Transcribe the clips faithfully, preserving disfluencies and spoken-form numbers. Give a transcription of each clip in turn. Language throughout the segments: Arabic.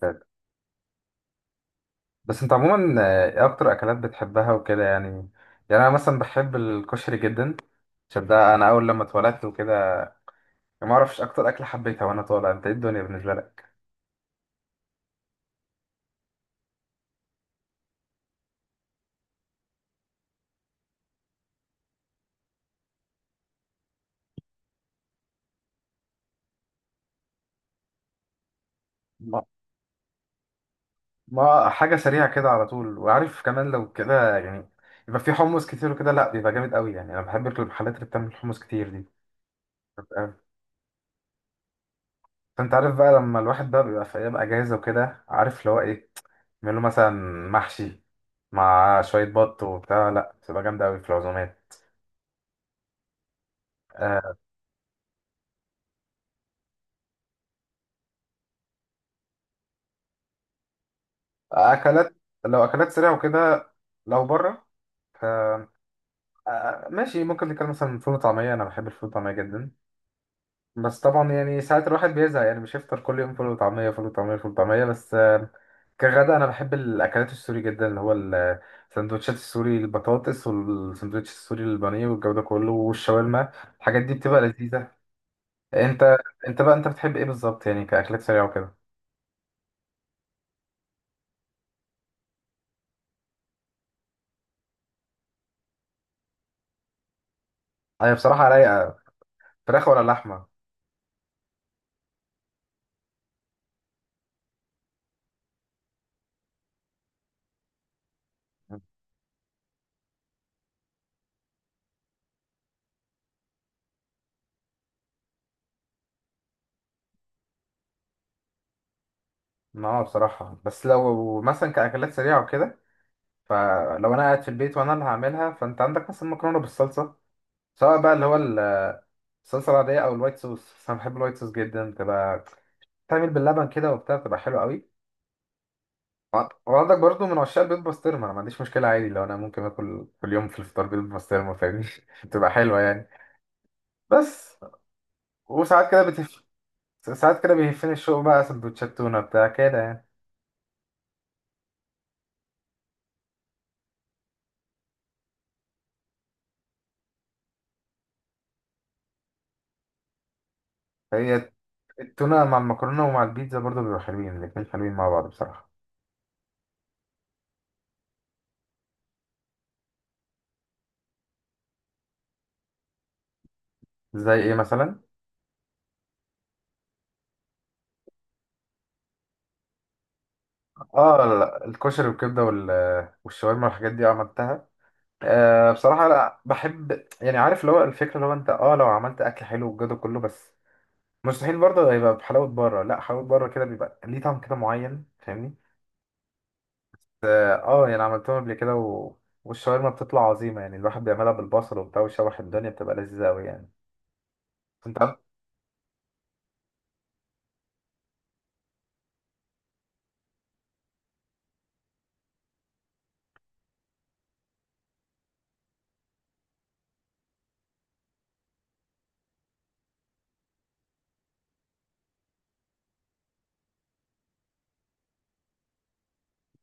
طيب، بس انت عموما آه، ايه اكتر اكلات بتحبها وكده يعني يعني انا مثلا بحب الكشري جدا. عشان ده انا اول لما اتولدت وكده، ما اعرفش اكتر اكله حبيتها وانا طالع. انت ايه الدنيا بالنسبه لك؟ ما- ما حاجه سريعه كده على طول، وعارف كمان لو كده يعني. يبقى في حمص كتير وكده، لا، بيبقى جامد قوي يعني. انا بحب المحلات اللي بتعمل حمص كتير دي. فانت عارف بقى، لما الواحد بقى بيبقى في ايام اجازه وكده، عارف اللي هو ايه يعمل له، مثلا محشي مع شويه بط وبتاع، لا، بتبقى جامده قوي في العزومات. آه، اكلات، لو اكلات سريعه وكده، لو بره، ف آه، ماشي، ممكن نتكلم مثلا فول وطعميه، انا بحب الفول والطعميه جدا. بس طبعا يعني ساعات الواحد بيزهق يعني، مش هيفطر كل يوم فول وطعميه فول وطعميه فول وطعميه بس. آه، كغدا، انا بحب الاكلات السوري جدا، اللي هو السندوتشات السوري البطاطس والسندوتش السوري البانيه والجو ده كله والشاورما. الحاجات دي بتبقى لذيذه. انت انت بقى، انت بتحب ايه بالظبط يعني، كاكلات سريعه وكده؟ هي بصراحه رايقه. فراخ ولا لحمه؟ ما بصراحة، بس لو مثلا كأكلات سريعة وكده، فلو أنا قاعد في البيت وأنا اللي هعملها، فأنت عندك مثلا مكرونة بالصلصة، سواء بقى اللي هو ال- الصلصة العادية أو الوايت صوص. بس أنا بحب الوايت صوص جدا، بتبقى تعمل باللبن كده وبتاع، بتبقى حلوة قوي. وع- وعندك برضو، من عشاق البيض بسطرمة، أنا ما عنديش مشكلة عادي، لو أنا ممكن آكل كل يوم في الفطار بيض بسطرمة فاهمني. بتبقى حلوة يعني. بس وساعات كده بتف... ساعات كده بيهفني الشوق بقى سندوتشات تونة بتاع كده يعني. هي التونة مع المكرونة ومع البيتزا برضه بيبقوا حلوين، الاتنين حلوين مع بعض بصراحة. زي ايه مثلا؟ اه، لا، الكشري والكبدة وال- والشاورما والحاجات دي عملتها. آه بصراحة، لا، بحب يعني، عارف اللي هو الفكرة، اللي هو انت اه لو عملت اكل حلو والجو ده كله، بس مستحيل برضه هيبقى بحلاوة بره، لا، حلاوة بره كده بيبقى ليه طعم كده معين، فاهمني؟ اه آه، يعني عملتهم قبل كده و... والشاورما بتطلع عظيمة يعني، الواحد بيعملها بالبصل وبتاع ويشوح الدنيا، بتبقى لذيذة أوي يعني. انت.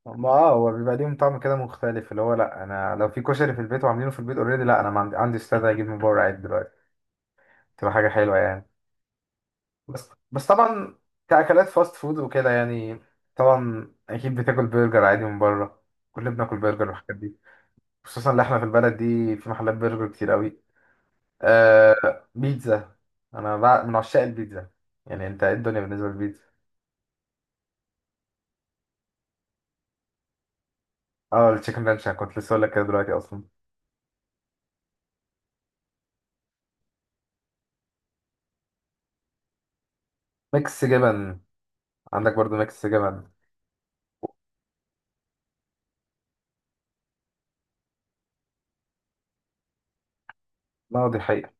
ما اه هو بيبقى ليهم طعم كده مختلف، اللي هو لا، انا لو في كشري في البيت وعاملينه في البيت اوريدي، لا، انا ما عندي عندي استعداد اجيب من بره عيد دلوقتي. تبقى حاجه حلوه يعني. بس بس طبعا، كاكلات فاست فود وكده يعني. طبعا اكيد بتاكل برجر عادي من بره، كلنا بناكل برجر والحاجات دي، خصوصا اللي احنا في البلد دي في محلات برجر كتير قوي. آه بيتزا. انا بع- من عشاق البيتزا يعني. انت ايه الدنيا بالنسبه للبيتزا؟ اه، التشيكن رانش، انا كنت لسه اقول لك كده دلوقتي اصلا. ميكس جبن. عندك برضو ميكس جبن. نقضي حقيقة.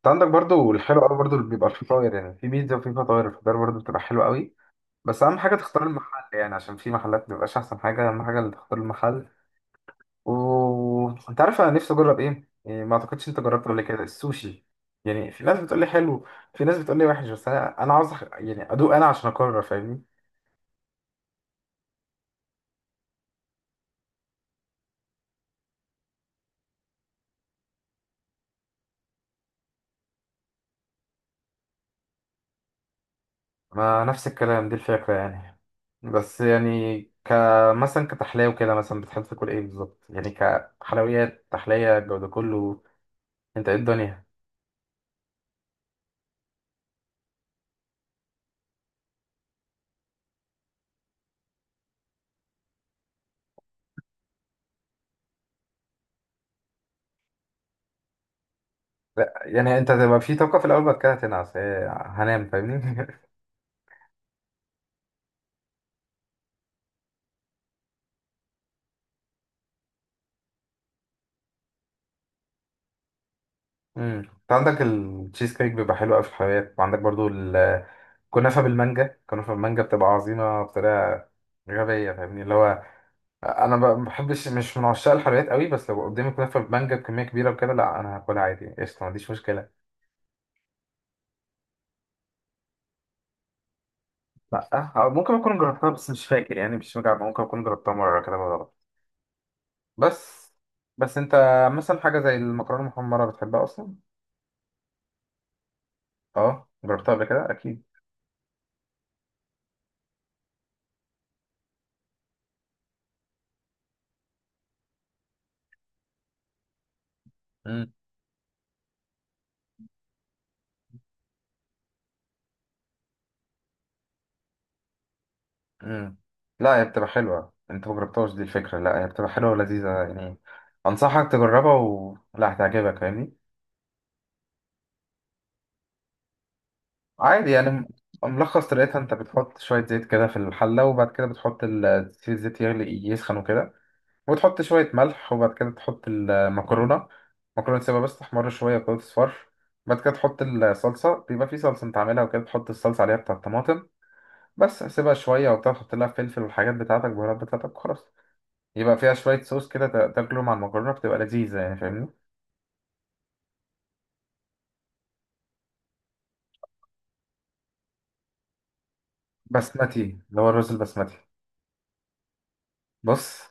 انت عندك برضو الحلو قوي برضو، اللي بيبقى فيه فطاير يعني، في بيتزا وفي فطاير، الفطاير برضو بتبقى حلوة قوي. بس اهم حاجة تختار المحل يعني، عشان في محلات مبيبقاش احسن حاجة، اهم حاجة اللي تختار المحل. وانت عارف، انا نفسي اجرب ايه، يعني ما اعتقدش انت جربت قبل كده السوشي. يعني في ناس بتقول لي حلو، في ناس بتقول لي وحش، بس انا انا عاوز أخ- يعني ادوق انا عشان اقرر، فاهمني؟ ما نفس الكلام دي الفكرة يعني. بس يعني، ك مثلا كتحلية وكده، مثلا بتحب تاكل ايه بالظبط يعني كحلويات، تحلية، الجو ده كله، انت ايه الدنيا؟ لا يعني، انت هتبقى في طاقة في الأول، بعد كده هتنعس هي- هنام فاهمني. امم انت عندك التشيز كيك بيبقى حلو قوي في الحلويات، وعندك برضو الكنافة بالمانجا، الكنافة بالمانجا بتبقى عظيمة بطريقة غبية فاهمني، اللي هو أنا ب- ما بحبش، مش من عشاق الحلويات قوي، بس لو قدامي كنافة بالمانجا بكمية كبيرة وكده، لا، أنا هاكلها عادي قشطة ما عنديش مشكلة. لا، أه، ممكن أكون جربتها بس مش فاكر يعني، مش مجمع، ممكن أكون جربتها مرة كده بالغلط. بس بس أنت، مثلا حاجة زي المكرونة المحمرة، بتحبها أصلا؟ أه، جربتها قبل كده أكيد. مم. مم. لا، هي بتبقى حلوة، انت مجربتهاش دي الفكرة، لا، هي بتبقى حلوة ولذيذة يعني، انصحك تجربها، ولا هتعجبك فاهمني. عادي يعني، م- ملخص طريقتها، انت بتحط شوية زيت كده في الحلة، وبعد كده بتحط ال- تسيب الزيت يغلي يسخن وكده، وتحط شوية ملح، وبعد كده تحط المكرونة. المكرونة تسيبها بس تحمر شوية كده تصفر. بعد كده تحط الصلصة، بيبقى في صلصة انت عاملها وكده، تحط الصلصة عليها بتاع الطماطم. بس سيبها شوية وبتاع، تحط لها فلفل والحاجات بتاعتك البهارات بتاعتك وخلاص. يبقى فيها شوية صوص كده، تا- تاكله مع المكرونة، بتبقى لذيذة يعني فاهمني. بسمتي، اللي هو الرز البسمتي. بص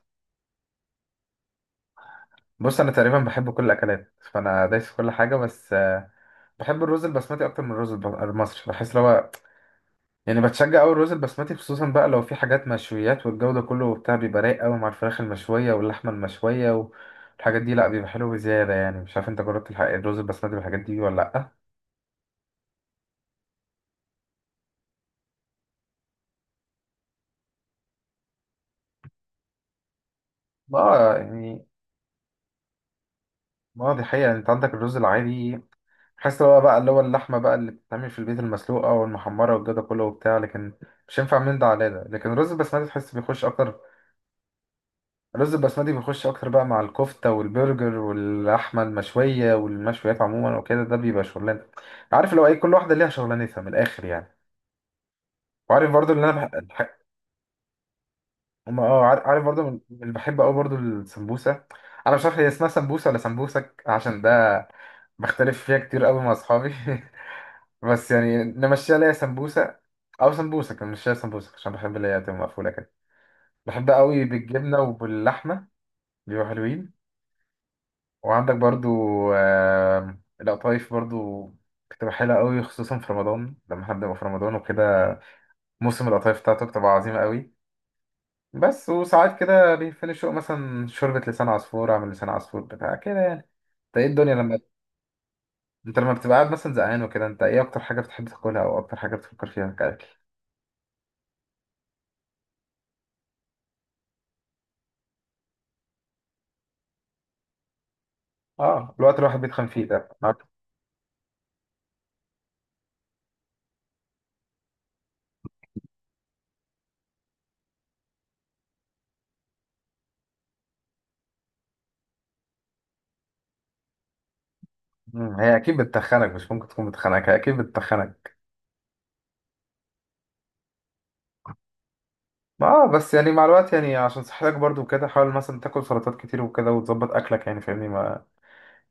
بص، أنا تقريبا بحب كل الأكلات، فأنا دايس في كل حاجة، بس آه، بحب الرز البسمتي أكتر من الرز الب- المصري، بحس لو هو- يعني بتشجع أوي الرز البسمتي، خصوصا بقى لو في حاجات مشويات والجو ده كله وبتاع، بيبقى رايق أوي مع الفراخ المشوية واللحمة المشوية والحاجات دي، لأ بيبقى حلو بزيادة يعني. مش عارف أنت جربت الح- الرز البسمتي بالحاجات دي ولا لأ؟ ما يعني، ما دي حقيقة، أنت عندك الرز العادي. بحس اللي هو بقى، اللي هو اللحمة بقى اللي بتتعمل في البيت المسلوقة والمحمرة والجو ده كله وبتاع، لكن مش هينفع من ده على ده، لكن الرز البسمتي تحس بيخش أكتر. الرز البسمتي بيخش أكتر بقى مع الكفتة والبرجر واللحمة المشوية والمشويات عموما وكده، ده بيبقى شغلانة. عارف اللي هو إيه، كل واحدة ليها شغلانتها من الآخر يعني. وعارف برضو اللي أنا بح... بح... أما اه عار- عارف برضو، من- من اللي بحب أوي برضو السمبوسة. أنا مش عارف هي اسمها سمبوسة ولا سمبوسك، عشان ده بختلف فيها كتير أوي مع أصحابي. بس يعني نمشيها ليا سمبوسة، أو سمبوسة كان نمشيها سمبوسة، عشان بحب اللي هي تبقى مقفولة كده، بحب قوي بالجبنة وباللحمة، بيبقوا حلوين. وعندك برضو، آم، القطايف، برضو كنت بحبها قوي خصوصا في رمضان، لما حد يبقى في رمضان وكده، موسم القطايف بتاعته بتبقى عظيمة قوي. بس وساعات كده بيفني شوق، مثلا شوربة لسان عصفور، أعمل لسان عصفور بتاع كده يعني. انت ايه الدنيا لما انت لما بتبقى قاعد مثلا زهقان وكده، انت ايه اكتر حاجة بتحب تاكلها، او اكتر حاجة بتفكر فيها كأكل؟ اه، الوقت الواحد بيتخن فيه ده. مم، هي اكيد بتتخنك، مش ممكن تكون بتخنك، هي اكيد بتتخنك. اه، بس يعني مع الوقت يعني عشان صحتك برضو وكده، حاول مثلا تاكل سلطات كتير وكده، وتظبط اكلك يعني فاهمني. ما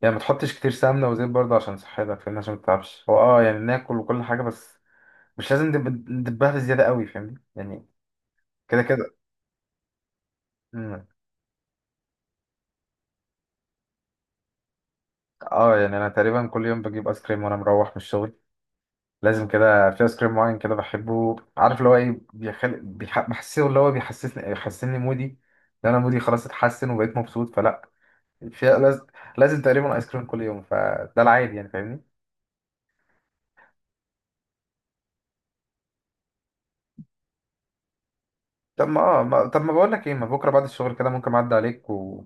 يعني، ما تحطش كتير سمنه وزيت برضو عشان صحتك فاهمني، عشان ما تتعبش هو اه يعني، ناكل وكل حاجه بس مش لازم ندب- ندبها بزياده قوي فاهمني يعني، كده كده. مم. اه يعني انا تقريبا كل يوم بجيب ايس كريم وانا مروح من الشغل. لازم كده في ايس كريم معين كده بحبه، عارف اللي هو ايه بيخل... بيح... بحسه اللي هو بيحسسني بيحسسني مودي. لو انا مودي خلاص اتحسن وبقيت مبسوط، فلا فيها لازم، لازم تقريبا ايس كريم كل يوم، فده العادي يعني فاهمني. طب ما اه ما... طب ما بقول لك ايه، ما بكره بعد الشغل كده ممكن اعدي عليك و...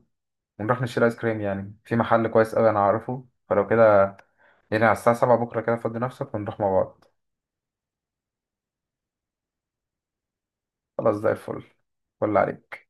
ونروح نشتري ايس كريم يعني، في محل كويس قوي انا عارفه، فلو كده يعني، على الساعه السابعة بكره كده، فضي نفسك ونروح مع بعض. خلاص، زي الفل. فل عليك.